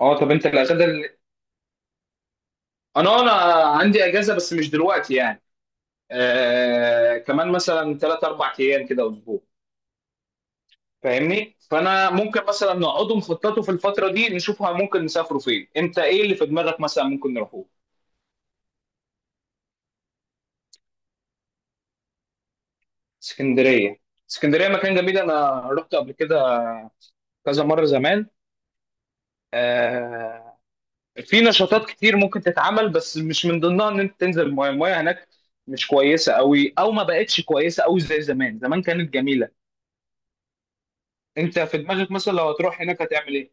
اه، طب انت انا عندي اجازه بس مش دلوقتي يعني. كمان مثلا ثلاث اربع ايام كده اسبوع. فاهمني؟ فانا ممكن مثلا نقعدوا نخططوا في الفتره دي نشوفها ممكن نسافروا فين. انت ايه اللي في دماغك مثلا ممكن نروحوه؟ اسكندريه. اسكندريه مكان جميل، انا رحت قبل كده كذا مره زمان. آه في نشاطات كتير ممكن تتعمل، بس مش من ضمنها ان انت تنزل المايه هناك، مش كويسه قوي، او ما بقتش كويسه قوي زي زمان، زمان كانت جميله. انت في دماغك مثلا لو هتروح هناك هتعمل ايه؟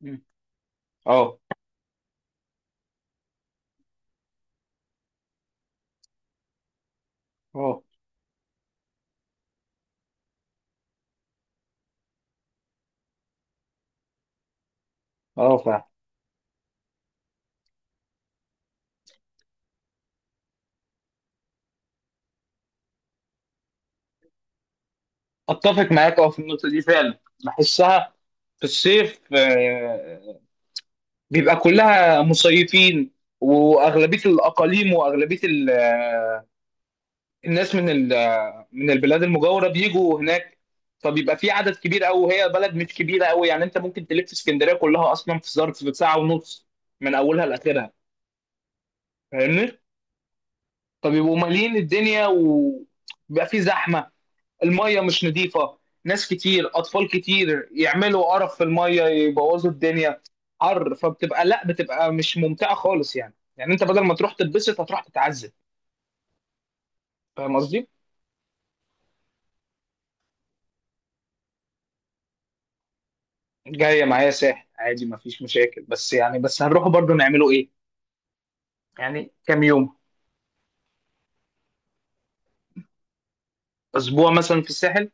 مم. اه اه اه فعلا. اتفق معاك في النقطه دي فعلا. بحسها في الصيف، بيبقى كلها مصيفين واغلبيه الاقاليم واغلبيه الناس من من البلاد المجاوره بيجوا هناك، فبيبقى في عدد كبير قوي، وهي بلد مش كبيره قوي يعني انت ممكن تلف اسكندريه كلها اصلا في ظرف ساعه ونص من اولها لاخرها. فاهمني؟ فبيبقوا مالين الدنيا وبيبقى في زحمه، المية مش نظيفة، ناس كتير، أطفال كتير يعملوا قرف في المية يبوظوا الدنيا، حر، فبتبقى، لا بتبقى مش ممتعة خالص، يعني أنت بدل ما تروح تتبسط هتروح تتعذب. فاهم قصدي؟ جاية معايا ساحل عادي مفيش مشاكل، بس يعني بس هنروح برضو نعمله إيه؟ يعني كام يوم؟ أسبوع مثلا في الساحل؟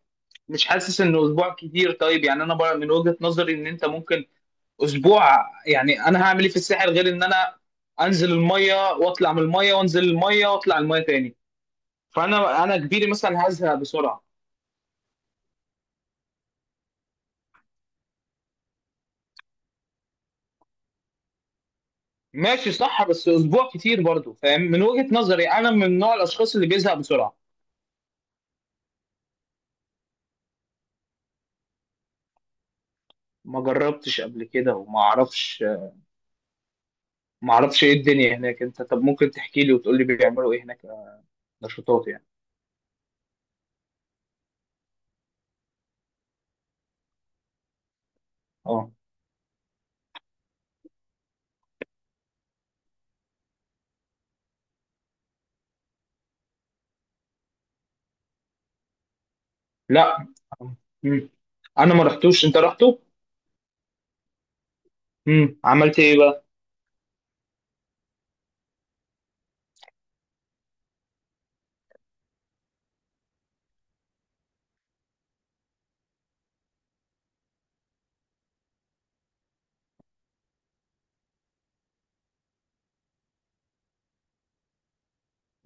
مش حاسس إنه أسبوع كتير؟ طيب يعني أنا بقى من وجهة نظري إن أنت ممكن أسبوع، يعني أنا هعمل إيه في الساحل غير إن أنا انزل الميه واطلع من الميه وانزل الميه واطلع الميه تاني. فانا كبيري مثلا هزهق بسرعه. ماشي صح، بس اسبوع كتير برضو، فاهم، من وجهه نظري انا من نوع الاشخاص اللي بيزهق بسرعه. ما جربتش قبل كده وما اعرفش، ما اعرفش ايه الدنيا هناك. انت طب ممكن تحكي لي وتقول لي بيعملوا ايه هناك، نشاطات يعني. اه. لا. مم. انا ما رحتوش، انت رحته. عملت ايه بقى؟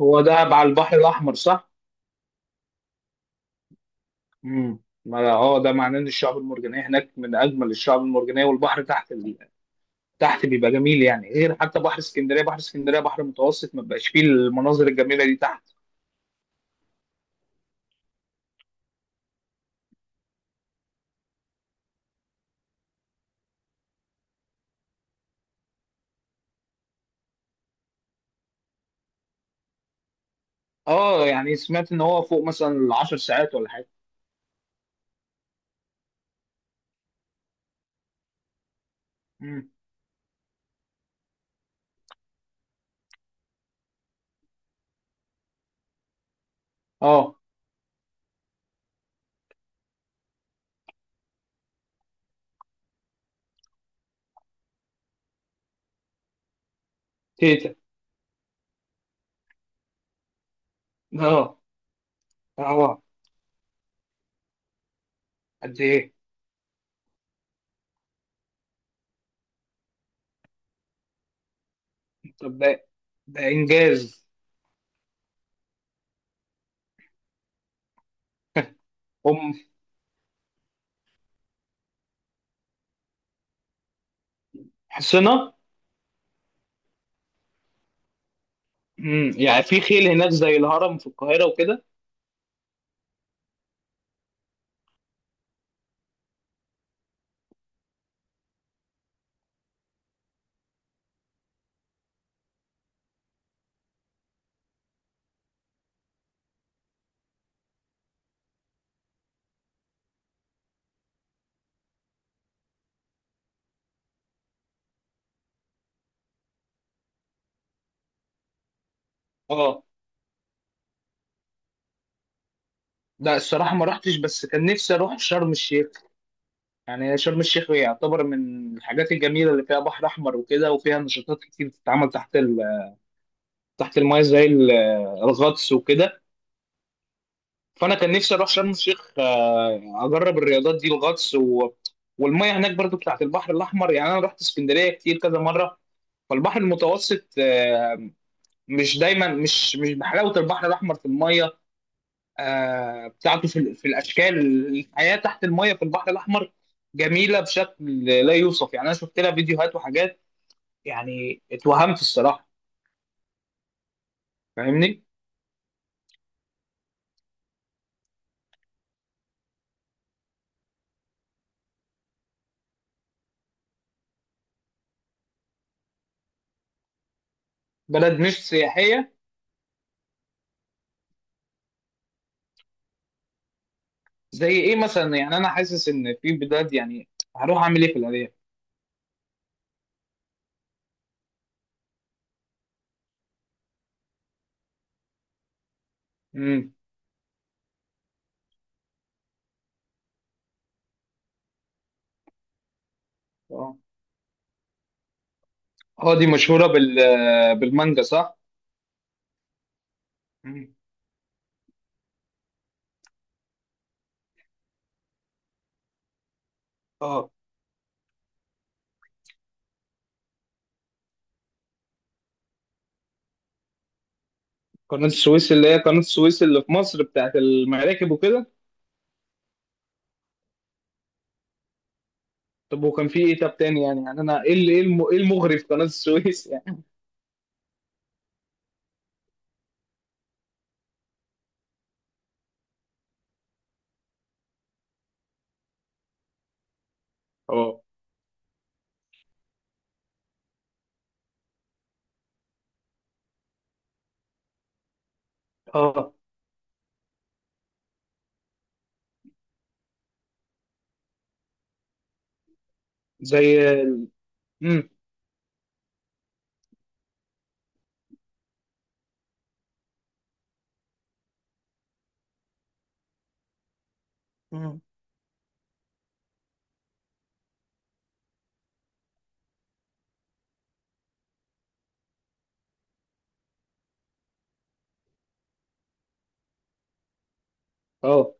هو ده على البحر الاحمر صح؟ ما ده معناه ان الشعب المرجانيه هناك من اجمل الشعب المرجانيه، والبحر تحت، تحت بيبقى جميل يعني، غير حتى بحر اسكندريه، بحر اسكندريه بحر متوسط ما بقاش فيه المناظر الجميله دي تحت. اه يعني سمعت ان هو فوق مثلا 10 ساعات ولا حاجه. مم. اه. تيتا. اه. اه. قد ايه؟ طب ده انجاز. ام. حصنه؟ يعني في خيل هناك زي الهرم في القاهره وكده؟ اه، لا الصراحه ما رحتش بس كان نفسي اروح شرم الشيخ. يعني شرم الشيخ يعتبر من الحاجات الجميله اللي فيها بحر احمر وكده، وفيها نشاطات كتير بتتعمل تحت، تحت المايه زي الغطس وكده. فانا كان نفسي اروح شرم الشيخ، اجرب الرياضات دي الغطس والميه هناك برضو بتاعت البحر الاحمر. يعني انا رحت اسكندريه كتير كذا مره، فالبحر المتوسط، مش دايما، مش بحلاوه البحر الاحمر في الميه، بتاعته في الاشكال. الحياه تحت الميه في البحر الاحمر جميله بشكل لا يوصف يعني، انا شفت لها فيديوهات وحاجات، يعني اتوهمت الصراحه. فاهمني؟ بلد مش سياحيه؟ زي ايه مثلا؟ يعني انا حاسس ان في بلاد، يعني هروح اعمل ايه في الارياف؟ امم. اه. دي مشهوره بالمانجا صح؟ امم. اه. قناه السويس اللي هي قناه السويس اللي في مصر بتاعت المراكب وكده؟ طب وكان في ايه طب تاني يعني، يعني انا ايه اللي ايه الم- إيه المغري في قناه السويس يعني؟ اه. اه. زي ال- امم امم اه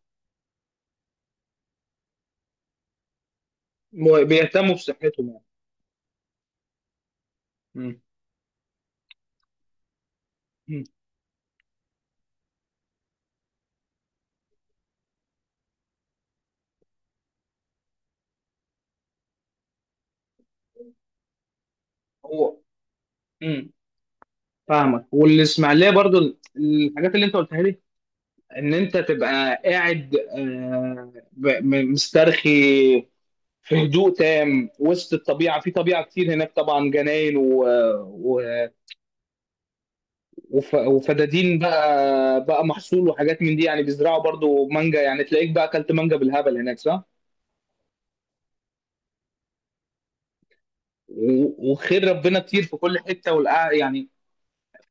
بيهتموا بصحتهم يعني. امم امم هو امم فاهمك. والاسماعيليه برضو الحاجات اللي انت قلتها لي، ان انت تبقى قاعد، مسترخي في هدوء تام وسط الطبيعه، في طبيعه كتير هناك طبعا، جناين و... وفدادين بقى محصول وحاجات من دي، يعني بيزرعوا برضو مانجا، يعني تلاقيك بقى اكلت مانجا بالهبل هناك صح؟ وخير ربنا كتير في كل حته، يعني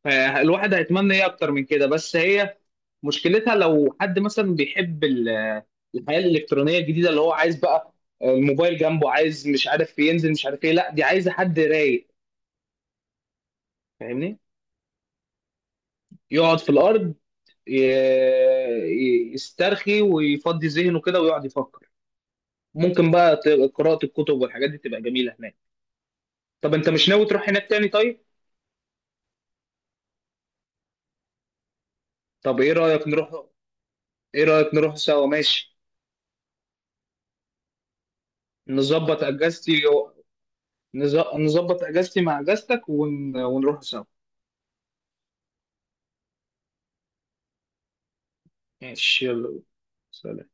فالواحد هيتمنى ايه اكتر من كده. بس هي مشكلتها لو حد مثلا بيحب الحياه الالكترونيه الجديده، اللي هو عايز بقى الموبايل جنبه، عايز مش عارف ينزل مش عارف ايه، لا دي عايزه حد رايق. فاهمني؟ يقعد في الارض، ي- يسترخي ويفضي ذهنه كده ويقعد يفكر، ممكن بقى قراءه الكتب والحاجات دي تبقى جميله هناك. طب انت مش ناوي تروح هناك تاني طيب؟ طب ايه رايك نروح، ايه رايك نروح سوا ماشي؟ نظبط اجازتي، نظبط اجازتي مع اجازتك ونروح سوا. ماشي يلا. سلام.